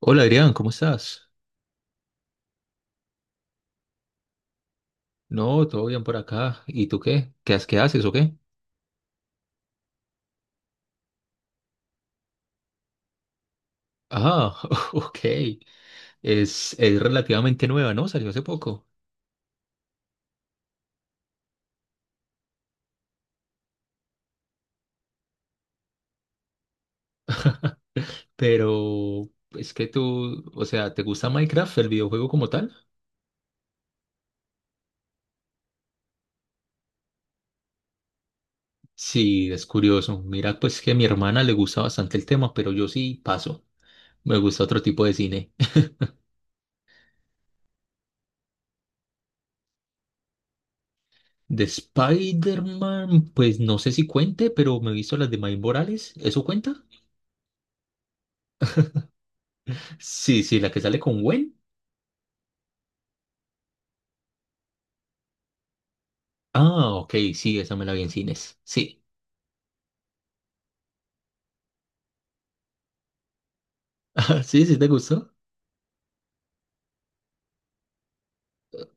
Hola Adrián, ¿cómo estás? No, todo bien por acá. ¿Y tú qué? ¿Qué haces o qué? Ah, ok. Es relativamente nueva, ¿no? Salió hace poco. Pero es que tú, o sea, ¿te gusta Minecraft, el videojuego como tal? Sí, es curioso. Mira, pues que a mi hermana le gusta bastante el tema, pero yo sí paso. Me gusta otro tipo de cine. De Spider-Man, pues no sé si cuente, pero me he visto las de Miles Morales. ¿Eso cuenta? Sí, sí, la que sale con Gwen. Ah, ok, sí, esa me la vi en cines. Sí, Ah, sí, sí, ¿te gustó?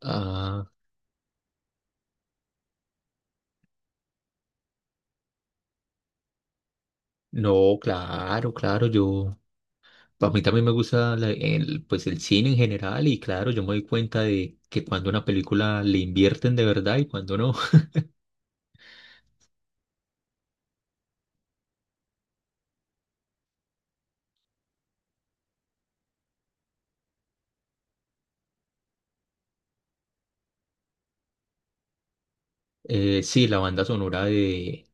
Ah, no, claro, claro, a mí también me gusta pues el cine en general y claro, yo me doy cuenta de que cuando una película le invierten de verdad y cuando no. Sí, la banda sonora de,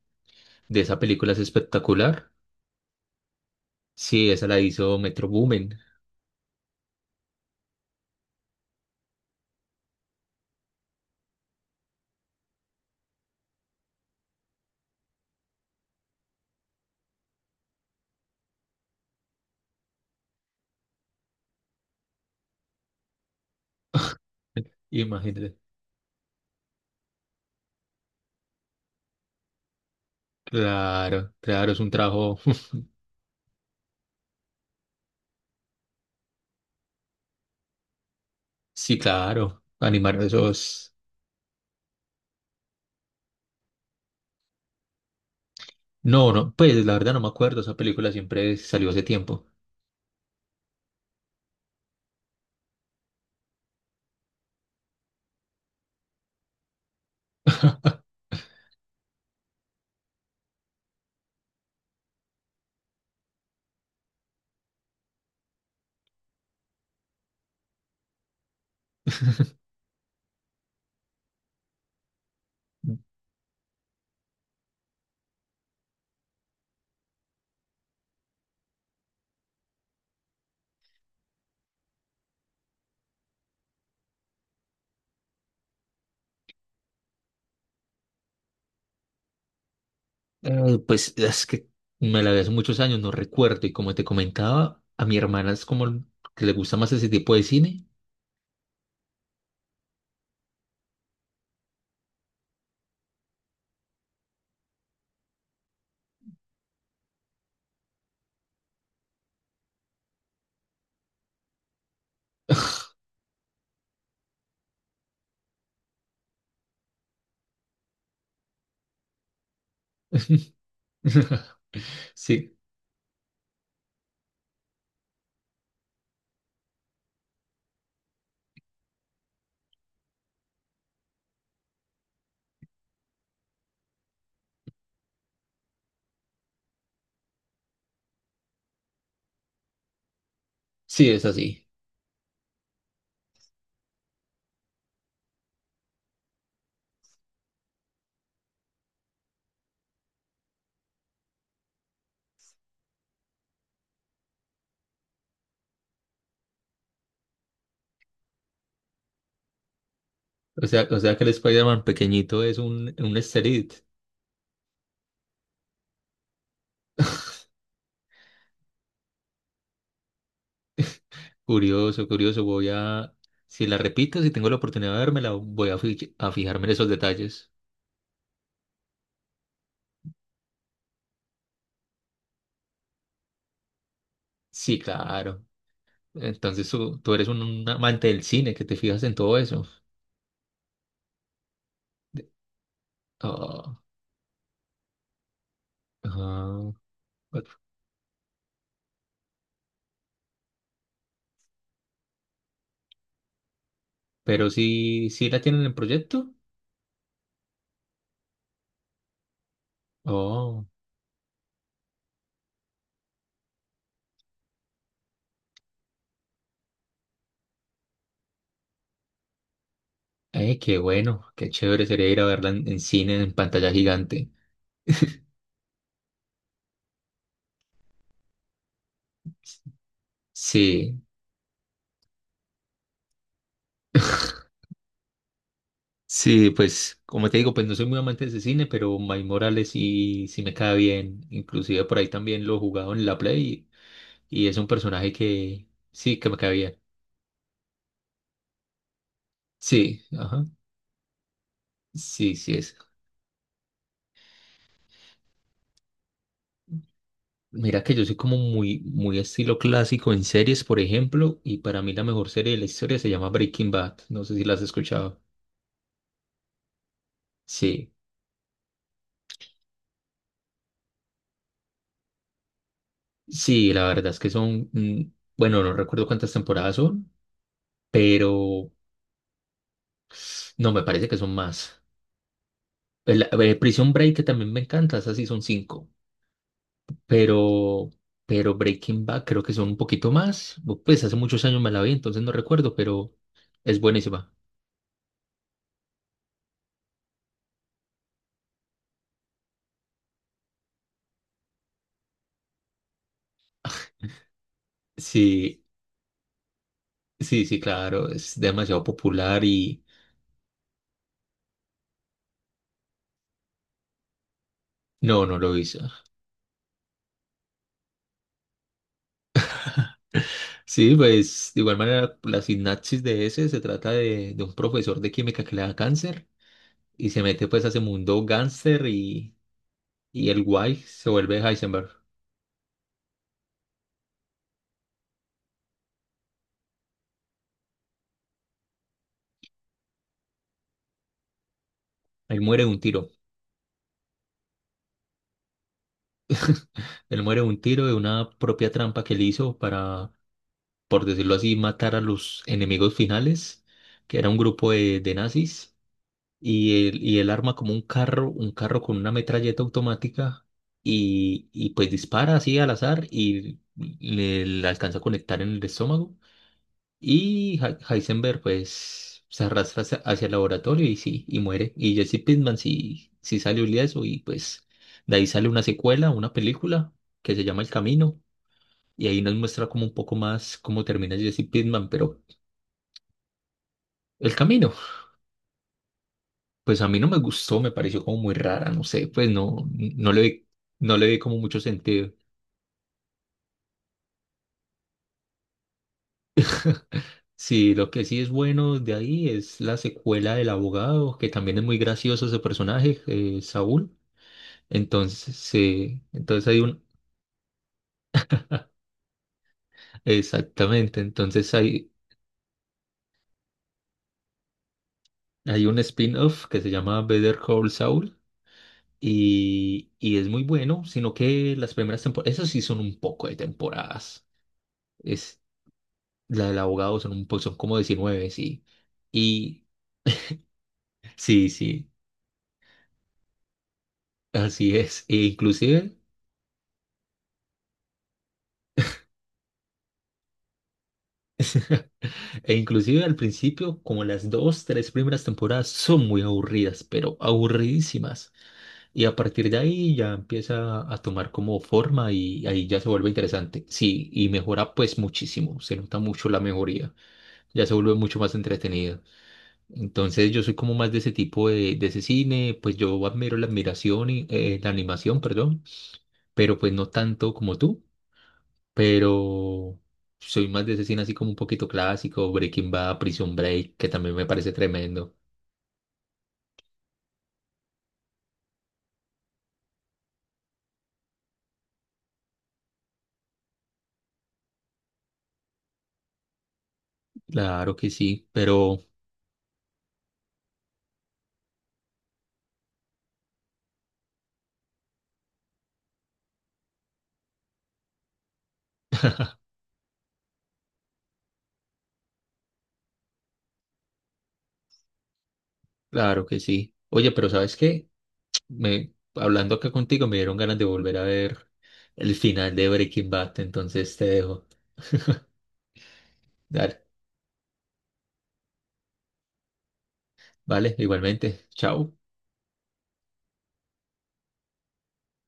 de esa película es espectacular. Sí, esa la hizo Metro Boomin. Imagínate. Claro, claro, es un trabajo. Sí, claro, animar esos. No, no, pues la verdad no me acuerdo, esa película siempre salió hace tiempo. Pues es que me la vi hace muchos años, no recuerdo. Y como te comentaba, a mi hermana es como que le gusta más ese tipo de cine. Sí, sí, es así. O sea que el Spider-Man pequeñito es un easter egg. Curioso, curioso. Voy a, si la repito, si tengo la oportunidad de verme, la voy a fijarme en esos detalles. Sí, claro. Entonces tú eres un amante del cine que te fijas en todo eso. Oh, ajá. Bueno, Pero sí, sí la tienen en proyecto. Oh, qué bueno, qué chévere sería ir a verla en cine, en pantalla gigante. Sí, sí, pues como te digo, pues no soy muy amante de ese cine, pero Miles Morales sí, sí me cae bien. Inclusive por ahí también lo he jugado en la Play y es un personaje que sí, que me cae bien. Sí, ajá, sí, sí es. Mira que yo soy como muy, muy estilo clásico en series, por ejemplo, y para mí la mejor serie de la historia se llama Breaking Bad. No sé si la has escuchado. Sí, sí, la verdad es que son, bueno, no recuerdo cuántas temporadas son, pero no, me parece que son más. Prison Break, que también me encanta, esas sí son cinco, pero, pero Breaking Bad creo que son un poquito más. Pues hace muchos años me la vi, entonces no recuerdo, pero es buenísima. Sí, sí, sí, claro, es demasiado popular y... No, no lo hizo. Sí, pues de igual manera la sinapsis de ese se trata de un profesor de química que le da cáncer y se mete pues a ese mundo gánster y el guay se vuelve Heisenberg. Él muere de un tiro. Él muere de un tiro de una propia trampa que él hizo para, por decirlo así, matar a los enemigos finales, que era un grupo de nazis. Y él arma como un carro con una metralleta automática y pues dispara así al azar y le alcanza a conectar en el estómago y Hei- Heisenberg pues se arrastra hacia el laboratorio y sí, y muere. Y Jesse Pinkman sí, sí salió ileso y pues de ahí sale una secuela, una película que se llama El Camino y ahí nos muestra como un poco más cómo termina Jesse Pinkman, pero El Camino. Pues a mí no me gustó, me pareció como muy rara, no sé, pues no, no le vi, no le vi como mucho sentido. Sí, lo que sí es bueno de ahí es la secuela del abogado, que también es muy gracioso ese personaje, Saúl. Entonces, sí, entonces exactamente, entonces hay un spin-off que se llama Better Call Saul y es muy bueno, sino que las primeras temporadas, esas sí son un poco de temporadas. Es, la del abogado son un poco, son como 19 sí. y Sí, sí, así es. E inclusive, e inclusive al principio, como las dos, tres primeras temporadas son muy aburridas, pero aburridísimas. Y a partir de ahí ya empieza a tomar como forma y ahí ya se vuelve interesante. Sí, y mejora pues muchísimo, se nota mucho la mejoría, ya se vuelve mucho más entretenida. Entonces yo soy como más de ese tipo de ese cine, pues yo admiro la admiración y la animación, perdón, pero pues no tanto como tú. Pero soy más de ese cine así como un poquito clásico, Breaking Bad, Prison Break, que también me parece tremendo. Claro que sí, pero claro que sí. Oye, pero ¿sabes qué? Hablando acá contigo me dieron ganas de volver a ver el final de Breaking Bad, entonces te dejo. Dale, vale, igualmente. Chao.